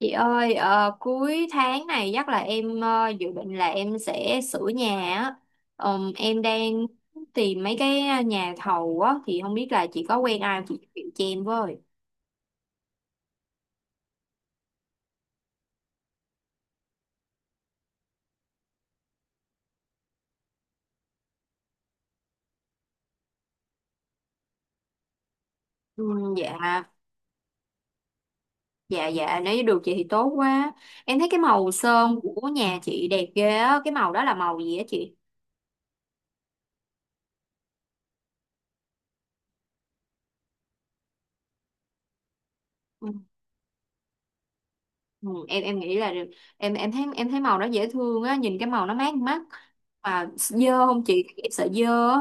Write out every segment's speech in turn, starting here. Chị ơi, cuối tháng này chắc là em dự định là em sẽ sửa nhà á. Em đang tìm mấy cái nhà thầu á thì không biết là chị có quen ai không? Chị giới thiệu cho em với. Ừ, dạ, dạ nếu như được chị thì tốt quá. Em thấy cái màu sơn của nhà chị đẹp ghê á, cái màu đó là màu gì á chị? Ừ, ừ, em nghĩ là em thấy thấy màu đó dễ thương á, nhìn cái màu nó mát mắt. Mà dơ không chị? Em sợ dơ á.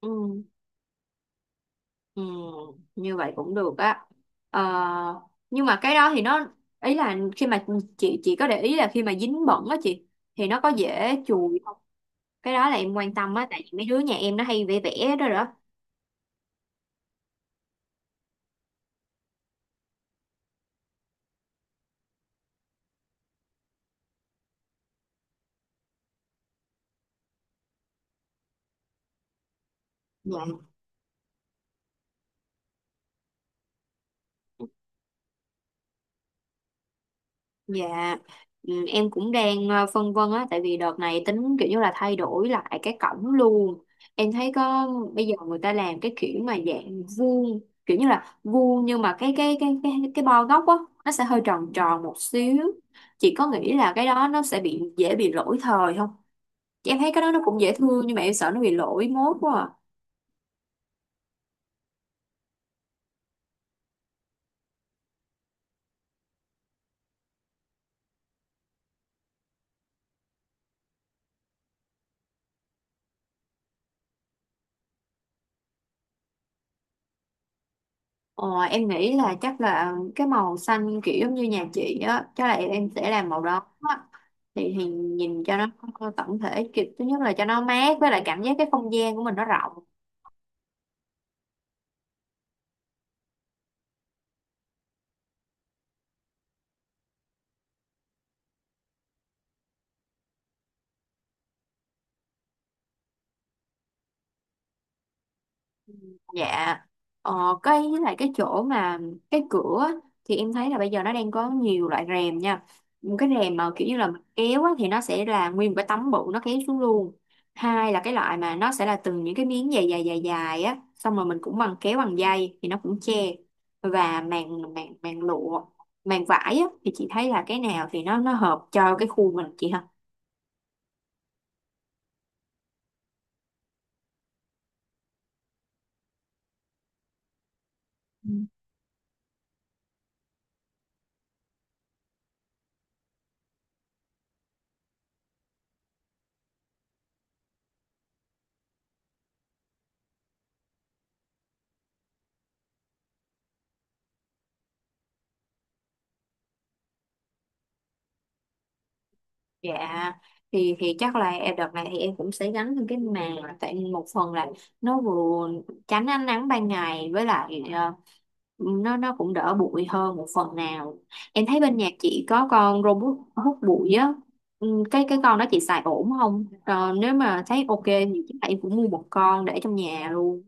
Ừ. Ừ, như vậy cũng được á. Ờ, nhưng mà cái đó thì nó ý là khi mà chị có để ý là khi mà dính bẩn á chị thì nó có dễ chùi không, cái đó là em quan tâm á tại vì mấy đứa nhà em nó hay vẽ vẽ đó đó. Dạ, ừ, em cũng đang phân vân á, tại vì đợt này tính kiểu như là thay đổi lại cái cổng luôn. Em thấy có bây giờ người ta làm cái kiểu mà dạng vuông, kiểu như là vuông nhưng mà cái bo góc á nó sẽ hơi tròn tròn một xíu. Chị có nghĩ là cái đó nó sẽ bị dễ bị lỗi thời không? Chị em thấy cái đó nó cũng dễ thương nhưng mà em sợ nó bị lỗi mốt quá à. Ờ, em nghĩ là chắc là cái màu xanh kiểu giống như nhà chị á chắc là em sẽ làm màu đó á. Thì nhìn cho nó tổng thể kiểu thứ nhất là cho nó mát với lại cảm giác cái không gian của mình nó rộng. Dạ, ờ, cái với lại cái chỗ mà cái cửa á, thì em thấy là bây giờ nó đang có nhiều loại rèm nha. Một cái rèm mà kiểu như là mình kéo á, thì nó sẽ là nguyên một cái tấm bự nó kéo xuống luôn. Hai là cái loại mà nó sẽ là từng những cái miếng dài dài dài dài á, xong rồi mình cũng bằng kéo bằng dây thì nó cũng che. Và màn màn màn lụa, màn vải á thì chị thấy là cái nào thì nó hợp cho cái khu mình chị ha. Dạ, thì chắc là em đợt này thì em cũng sẽ gắn thêm cái màng tại một phần là nó vừa tránh ánh nắng ban ngày với lại nó cũng đỡ bụi hơn một phần nào. Em thấy bên nhà chị có con robot hút bụi á. Ừ, cái con đó chị xài ổn không? Ờ, nếu mà thấy ok thì chắc là em cũng mua một con để trong nhà luôn.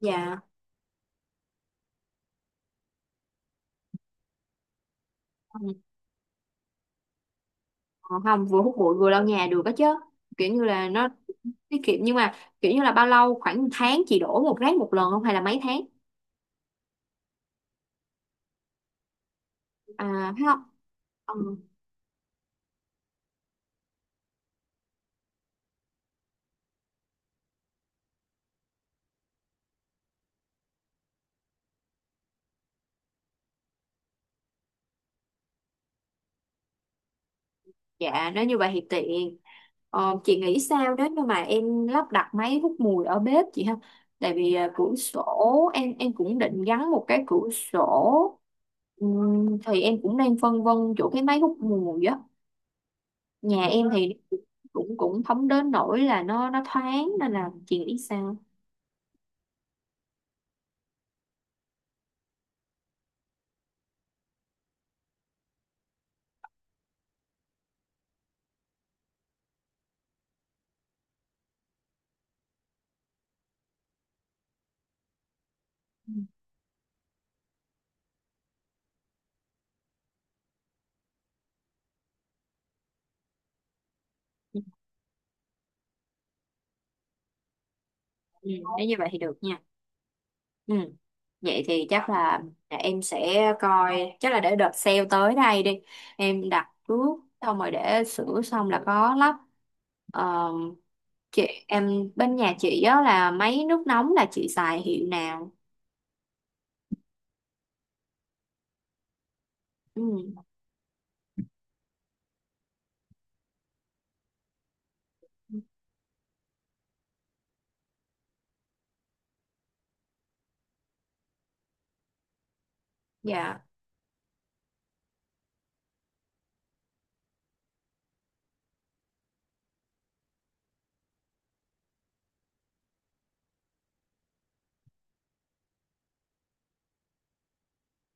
Dạ. Ờ, không, vừa hút bụi vừa lau nhà được đó chứ, kiểu như là nó tiết kiệm nhưng mà kiểu như là bao lâu, khoảng một tháng chị đổ một rác một lần không hay là mấy tháng? À, thấy không? Ừ. Dạ, nếu như vậy thì tiện. Ờ, chị nghĩ sao nếu như mà em lắp đặt máy hút mùi ở bếp chị ha? Tại vì à, cửa sổ em cũng định gắn một cái cửa sổ. Thì em cũng đang phân vân chỗ cái máy hút mùi á. Nhà em thì cũng cũng không đến nỗi là nó thoáng nên là chị nghĩ sao? Ừ. Ừ. Nếu như vậy thì được nha. Ừ. Vậy thì chắc là em sẽ coi, chắc là để đợt sale tới đây đi, em đặt trước xong rồi để sửa xong là có lắp. Ờ, chị, em bên nhà chị á là máy nước nóng là chị xài hiệu nào? Ừ, dạ,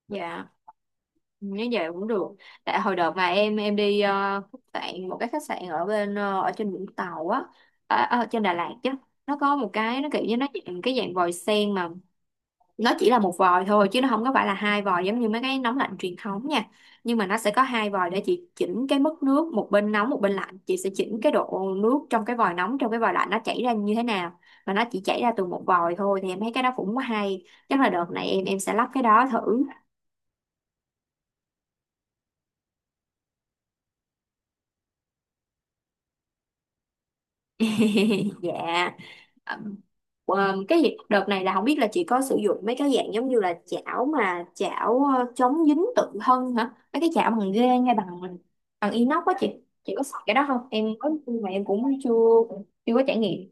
dạ như vậy cũng được. Tại hồi đợt mà em đi khách sạn, một cái khách sạn ở bên ở trên Vũng Tàu á, ở, ở trên Đà Lạt chứ, nó có một cái nó kiểu như nó dạng cái dạng vòi sen mà nó chỉ là một vòi thôi chứ nó không có phải là hai vòi giống như mấy cái nóng lạnh truyền thống nha. Nhưng mà nó sẽ có hai vòi để chị chỉnh cái mức nước, một bên nóng một bên lạnh, chị sẽ chỉnh cái độ nước trong cái vòi nóng trong cái vòi lạnh nó chảy ra như thế nào, mà nó chỉ chảy ra từ một vòi thôi thì em thấy cái đó cũng hay. Chắc là đợt này em sẽ lắp cái đó thử. Dạ. À, ờ, đợt này là không biết là chị có sử dụng mấy cái dạng giống như là chảo mà chảo chống dính tự thân hả? Mấy cái chảo bằng ghê hay bằng bằng inox á chị. Chị có xài cái đó không? Em có nhưng mà em cũng chưa chưa có trải nghiệm.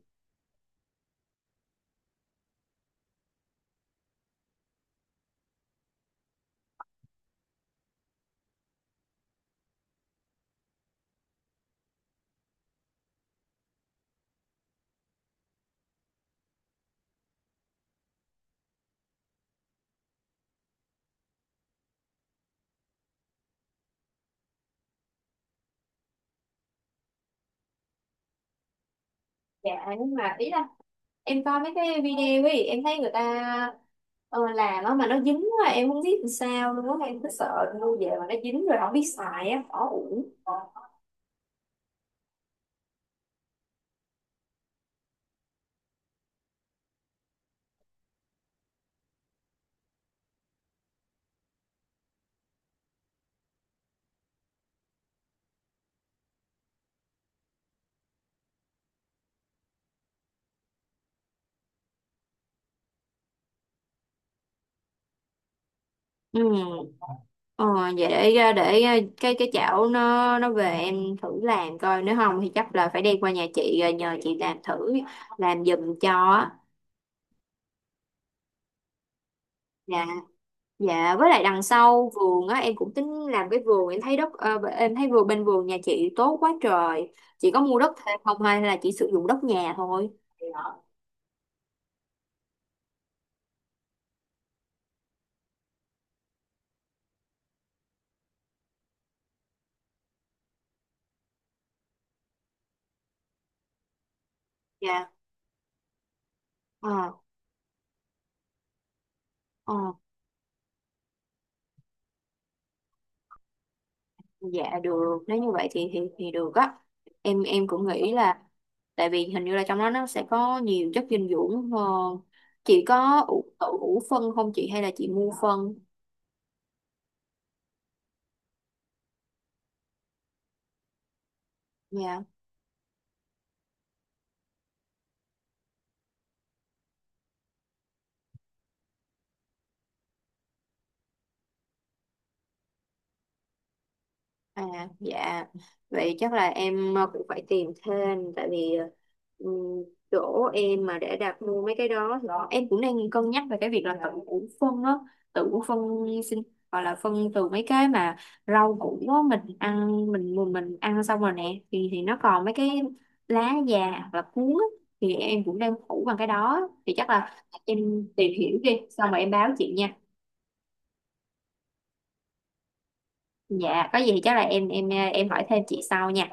Dạ, nhưng mà ý là em coi mấy cái video ấy em thấy người ta ờ, làm á mà nó dính quá em không biết làm sao luôn á, em cứ sợ mua về mà nó dính rồi không biết xài á khó uổng. Ừ. Ờ, vậy để cái chảo nó về em thử làm coi, nếu không thì chắc là phải đem qua nhà chị rồi nhờ chị làm thử làm giùm cho á. Dạ, dạ với lại đằng sau vườn á em cũng tính làm cái vườn, em thấy đất em thấy vườn bên vườn nhà chị tốt quá trời, chị có mua đất thêm không hay là chỉ sử dụng đất nhà thôi? Dạ. Ờ, ờ. Dạ được, nếu như vậy thì thì được á. Em cũng nghĩ là tại vì hình như là trong đó nó sẽ có nhiều chất dinh dưỡng hơn. Chị có ủ, ủ phân không chị hay là chị mua phân? Dạ. À, dạ. Vậy chắc là em cũng phải tìm thêm tại vì ờ, ừm, chỗ em mà để đặt mua mấy cái đó thì em cũng đang cân nhắc về cái việc là tự củ phân đó, tự củ phân, xin gọi là phân từ mấy cái mà rau củ đó, mình ăn mình mình ăn xong rồi nè thì nó còn mấy cái lá già hoặc là cuống á, thì em cũng đang phủ bằng cái đó thì chắc là em tìm hiểu đi xong rồi em báo chị nha. Dạ có gì thì chắc là em hỏi thêm chị sau nha.